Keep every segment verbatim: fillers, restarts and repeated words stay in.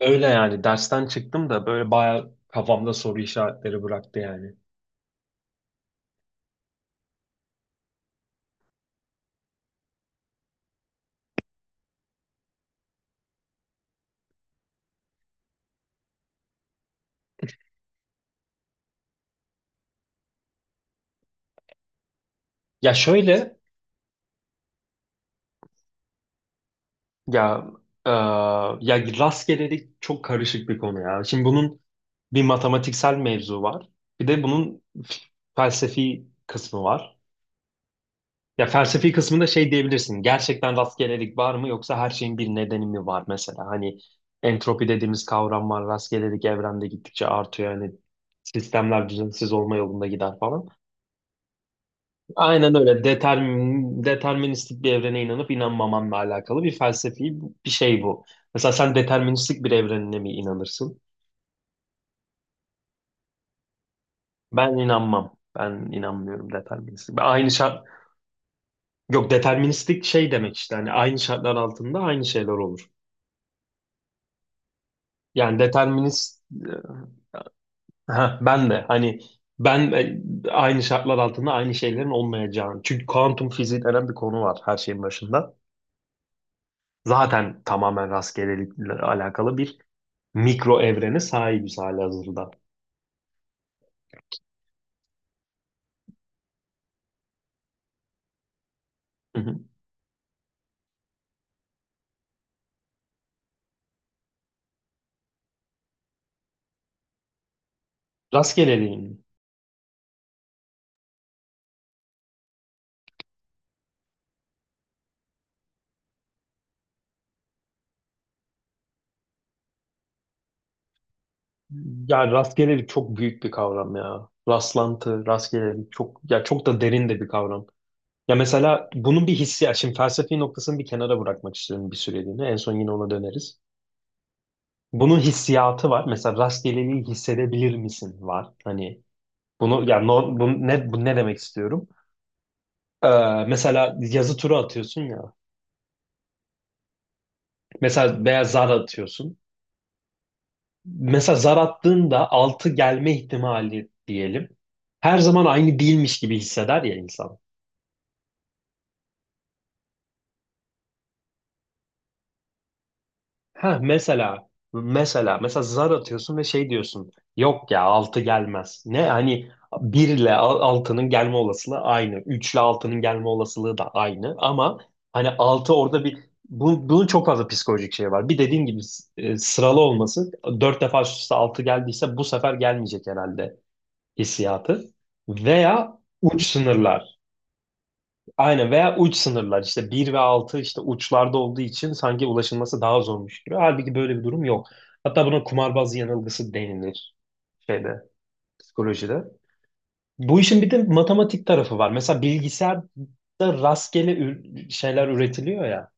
Öyle yani dersten çıktım da böyle bayağı kafamda soru işaretleri bıraktı yani. Ya şöyle ya e, ya rastgelelik çok karışık bir konu ya. Şimdi bunun bir matematiksel mevzu var. Bir de bunun f- felsefi kısmı var. Ya felsefi kısmında şey diyebilirsin. Gerçekten rastgelelik var mı yoksa her şeyin bir nedeni mi var mesela? Hani entropi dediğimiz kavram var. Rastgelelik evrende gittikçe artıyor. Yani sistemler düzensiz olma yolunda gider falan. Aynen öyle. Determin, deterministik bir evrene inanıp inanmamanla alakalı bir felsefi bir şey bu. Mesela sen deterministik bir evrenine mi inanırsın? Ben inanmam. Ben inanmıyorum deterministik. Ben aynı şart... Yok deterministik şey demek işte. Hani aynı şartlar altında aynı şeyler olur. Yani determinist... Ha, ben de hani ben e, aynı şartlar altında aynı şeylerin olmayacağını. Çünkü kuantum fiziği denen bir konu var her şeyin başında. Zaten tamamen rastgelelikle alakalı bir mikro evrene sahibiz halihazırda. Hı hı. Rastgeleliğin mi? Ya rastgelelik çok büyük bir kavram ya. Rastlantı, rastgelelik çok ya çok da derin de bir kavram. Ya mesela bunun bir hissiyatı, şimdi felsefi noktasını bir kenara bırakmak istiyorum bir süreliğine. En son yine ona döneriz. Bunun hissiyatı var. Mesela rastgeleliği hissedebilir misin var. Hani bunu ya no- bu ne bu ne demek istiyorum? Ee, mesela yazı turu atıyorsun ya. Mesela veya zar atıyorsun. Mesela zar attığında altı gelme ihtimali diyelim. Her zaman aynı değilmiş gibi hisseder ya insan. Ha, mesela mesela mesela zar atıyorsun ve şey diyorsun. Yok ya altı gelmez. Ne hani bir ile altının gelme olasılığı aynı. üç ile altının gelme olasılığı da aynı ama hani altı orada bir bu, bunun çok fazla psikolojik şey var. Bir dediğin gibi s- e, sıralı olması, dört defa üst üste altı geldiyse bu sefer gelmeyecek herhalde hissiyatı. Veya uç sınırlar. Aynen, veya uç sınırlar işte bir ve altı işte uçlarda olduğu için sanki ulaşılması daha zormuş gibi. Halbuki böyle bir durum yok. Hatta buna kumarbaz yanılgısı denilir, şeyde, psikolojide. Bu işin bir de matematik tarafı var. Mesela bilgisayarda rastgele ür- şeyler üretiliyor ya.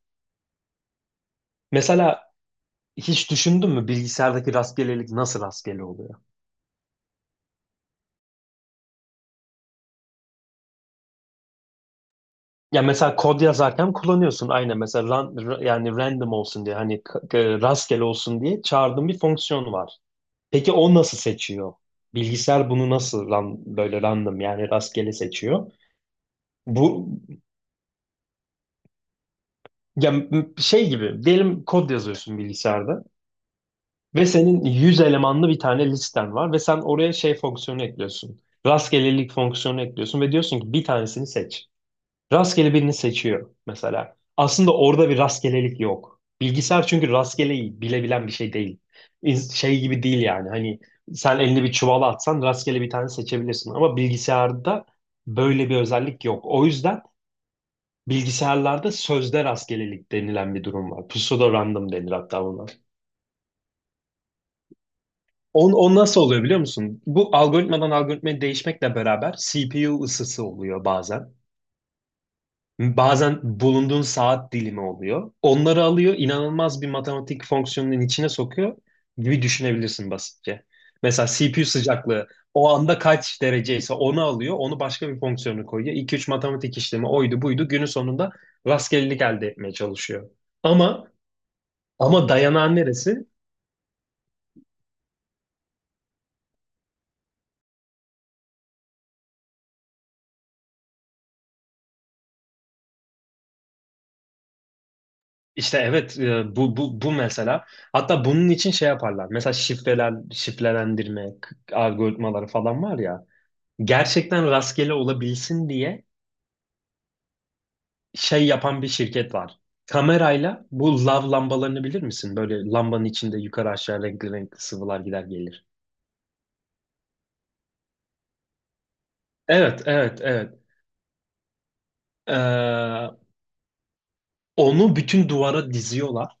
Mesela hiç düşündün mü bilgisayardaki rastgelelik nasıl rastgele oluyor? Ya mesela kod yazarken kullanıyorsun, aynen, mesela ran- ra- yani random olsun diye, hani k- k- rastgele olsun diye çağırdığın bir fonksiyon var. Peki o nasıl seçiyor? Bilgisayar bunu nasıl ran- böyle random, yani rastgele seçiyor? Bu, ya m- şey gibi diyelim, kod yazıyorsun bilgisayarda ve senin yüz elemanlı bir tane listen var ve sen oraya şey fonksiyonu ekliyorsun. Rastgelelik fonksiyonu ekliyorsun ve diyorsun ki bir tanesini seç. Rastgele birini seçiyor mesela. Aslında orada bir rastgelelik yok. Bilgisayar çünkü rastgeleyi bilebilen bir şey değil. İz- Şey gibi değil yani. Hani sen elini bir çuvala atsan rastgele bir tane seçebilirsin. Ama bilgisayarda böyle bir özellik yok. O yüzden bilgisayarlarda sözde rastgelelik denilen bir durum var. Pseudo random denir hatta buna. On, o nasıl oluyor biliyor musun? Bu algoritmadan algoritmaya değişmekle beraber C P U ısısı oluyor bazen. Bazen bulunduğun saat dilimi oluyor. Onları alıyor, inanılmaz bir matematik fonksiyonunun içine sokuyor gibi düşünebilirsin basitçe. Mesela C P U sıcaklığı o anda kaç dereceyse onu alıyor, onu başka bir fonksiyonu koyuyor. İki üç matematik işlemi, oydu buydu, günün sonunda rastgelelik elde etmeye çalışıyor. Ama, ama dayanan neresi? İşte evet, e, bu, bu, bu mesela. Hatta bunun için şey yaparlar. Mesela şifreler, şifrelendirme k- algoritmaları falan var ya. Gerçekten rastgele olabilsin diye şey yapan bir şirket var. Kamerayla bu lav lambalarını bilir misin? Böyle lambanın içinde yukarı aşağı renkli renkli sıvılar gider gelir. Evet, evet, evet. Ee, Onu bütün duvara diziyorlar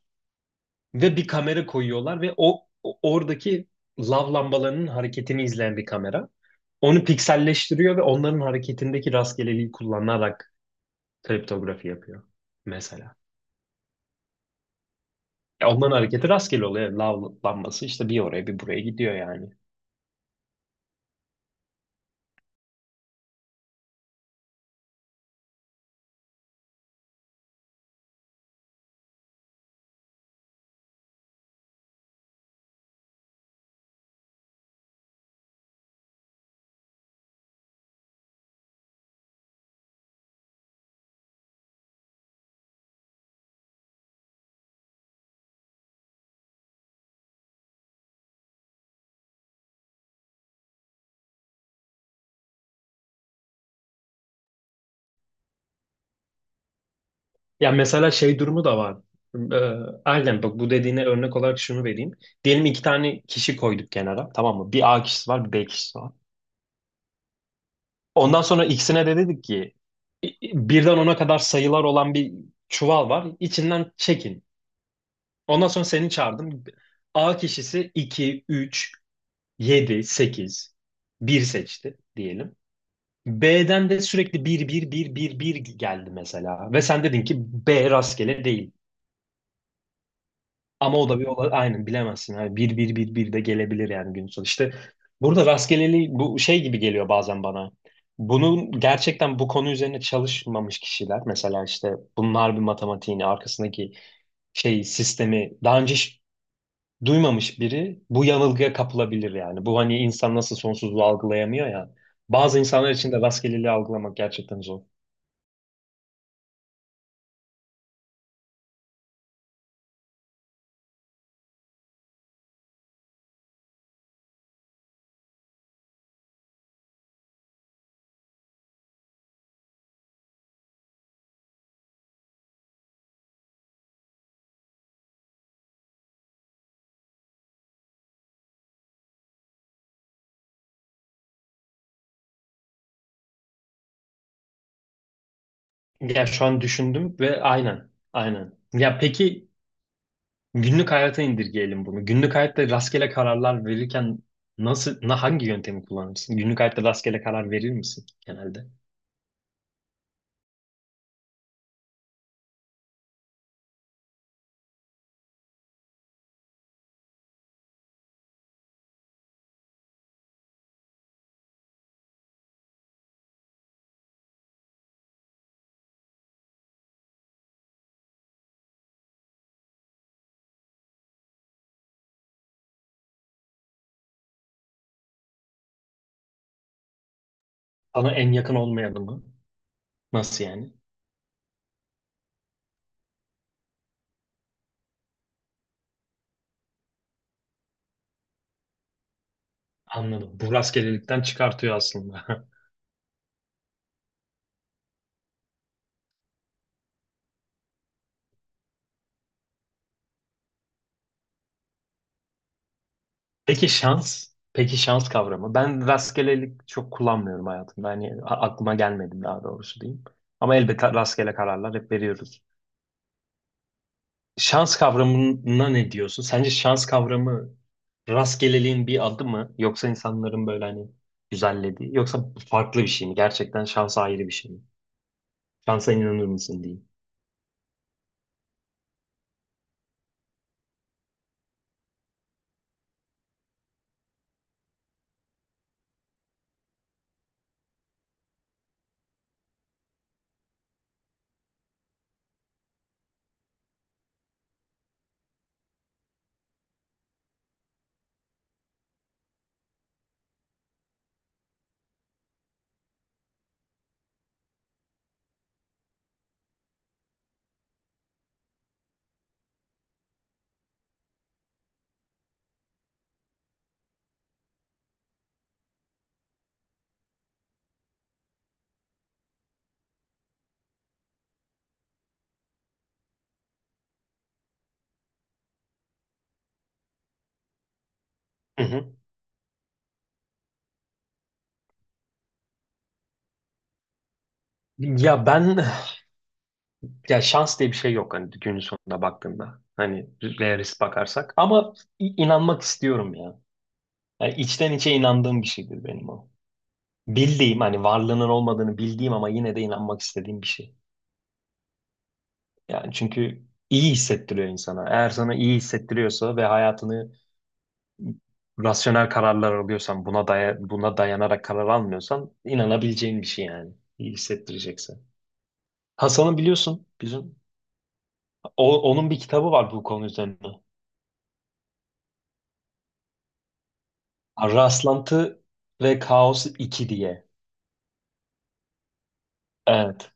ve bir kamera koyuyorlar ve o o- oradaki lav lambalarının hareketini izleyen bir kamera. Onu pikselleştiriyor ve onların hareketindeki rastgeleliği kullanarak kriptografi yapıyor mesela. Ya ondan hareketi rastgele oluyor. Lavlanması işte bir oraya bir buraya gidiyor yani. Ya mesela şey durumu da var. Ee, aynen, bak, bu dediğine örnek olarak şunu vereyim. Diyelim iki tane kişi koyduk kenara, tamam mı? Bir A kişisi var, bir B kişisi var. Ondan sonra ikisine de dedik ki i- birden ona kadar sayılar olan bir çuval var. İçinden çekin. Ondan sonra seni çağırdım. A kişisi iki, üç, yedi, sekiz, bir seçti diyelim. B'den de sürekli bir bir bir bir bir geldi mesela. Ve sen dedin ki B rastgele değil. Ama o da bir ola- aynen, bilemezsin. Yani bir bir bir bir de gelebilir yani, gün sonu. İşte burada rastgeleliği bu şey gibi geliyor bazen bana. Bunun gerçekten, bu konu üzerine çalışmamış kişiler mesela, işte bunlar, bir matematiğini arkasındaki şey sistemi daha önce hiç duymamış biri bu yanılgıya kapılabilir yani. Bu hani insan nasıl sonsuzluğu algılayamıyor ya. Bazı insanlar için de rastgeleliği algılamak gerçekten zor. Ya şu an düşündüm ve aynen, aynen. Ya peki, günlük hayata indirgeyelim bunu. Günlük hayatta rastgele kararlar verirken nasıl, na, hangi yöntemi kullanırsın? Günlük hayatta rastgele karar verir misin genelde? Sana en yakın olmayanı mı? Nasıl yani? Anladım. Bu rastgelelikten çıkartıyor aslında. Peki şans? Peki şans kavramı. Ben rastgelelik çok kullanmıyorum hayatımda. Hani a- aklıma gelmedi daha doğrusu diyeyim. Ama elbette rastgele kararlar hep veriyoruz. Şans kavramına ne diyorsun? Sence şans kavramı rastgeleliğin bir adı mı? Yoksa insanların böyle hani güzellediği? Yoksa farklı bir şey mi? Gerçekten şansa ayrı bir şey mi? Şansa inanır mısın diyeyim. Hı hı. Ya ben, ya şans diye bir şey yok hani, günün sonunda baktığında. Hani realist bakarsak. Ama i- inanmak istiyorum ya. Yani içten içe inandığım bir şeydir benim o. Bildiğim, hani varlığının olmadığını bildiğim ama yine de inanmak istediğim bir şey. Yani çünkü iyi hissettiriyor insana. Eğer sana iyi hissettiriyorsa ve hayatını rasyonel kararlar alıyorsan, buna daya buna dayanarak karar almıyorsan, inanabileceğin bir şey yani. İyi hissettirecekse. Hasan'ı biliyorsun bizim. O, onun bir kitabı var bu konu üzerine. Rastlantı ve Kaos iki diye. Evet.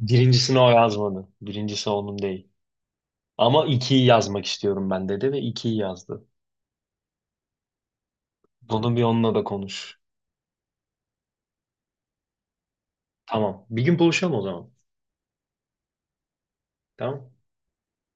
Birincisini o yazmadı. Birincisi onun değil. Ama ikiyi yazmak istiyorum ben dedi ve ikiyi yazdı. Bunu bir onunla da konuş. Tamam. Bir gün buluşalım o zaman. Tamam.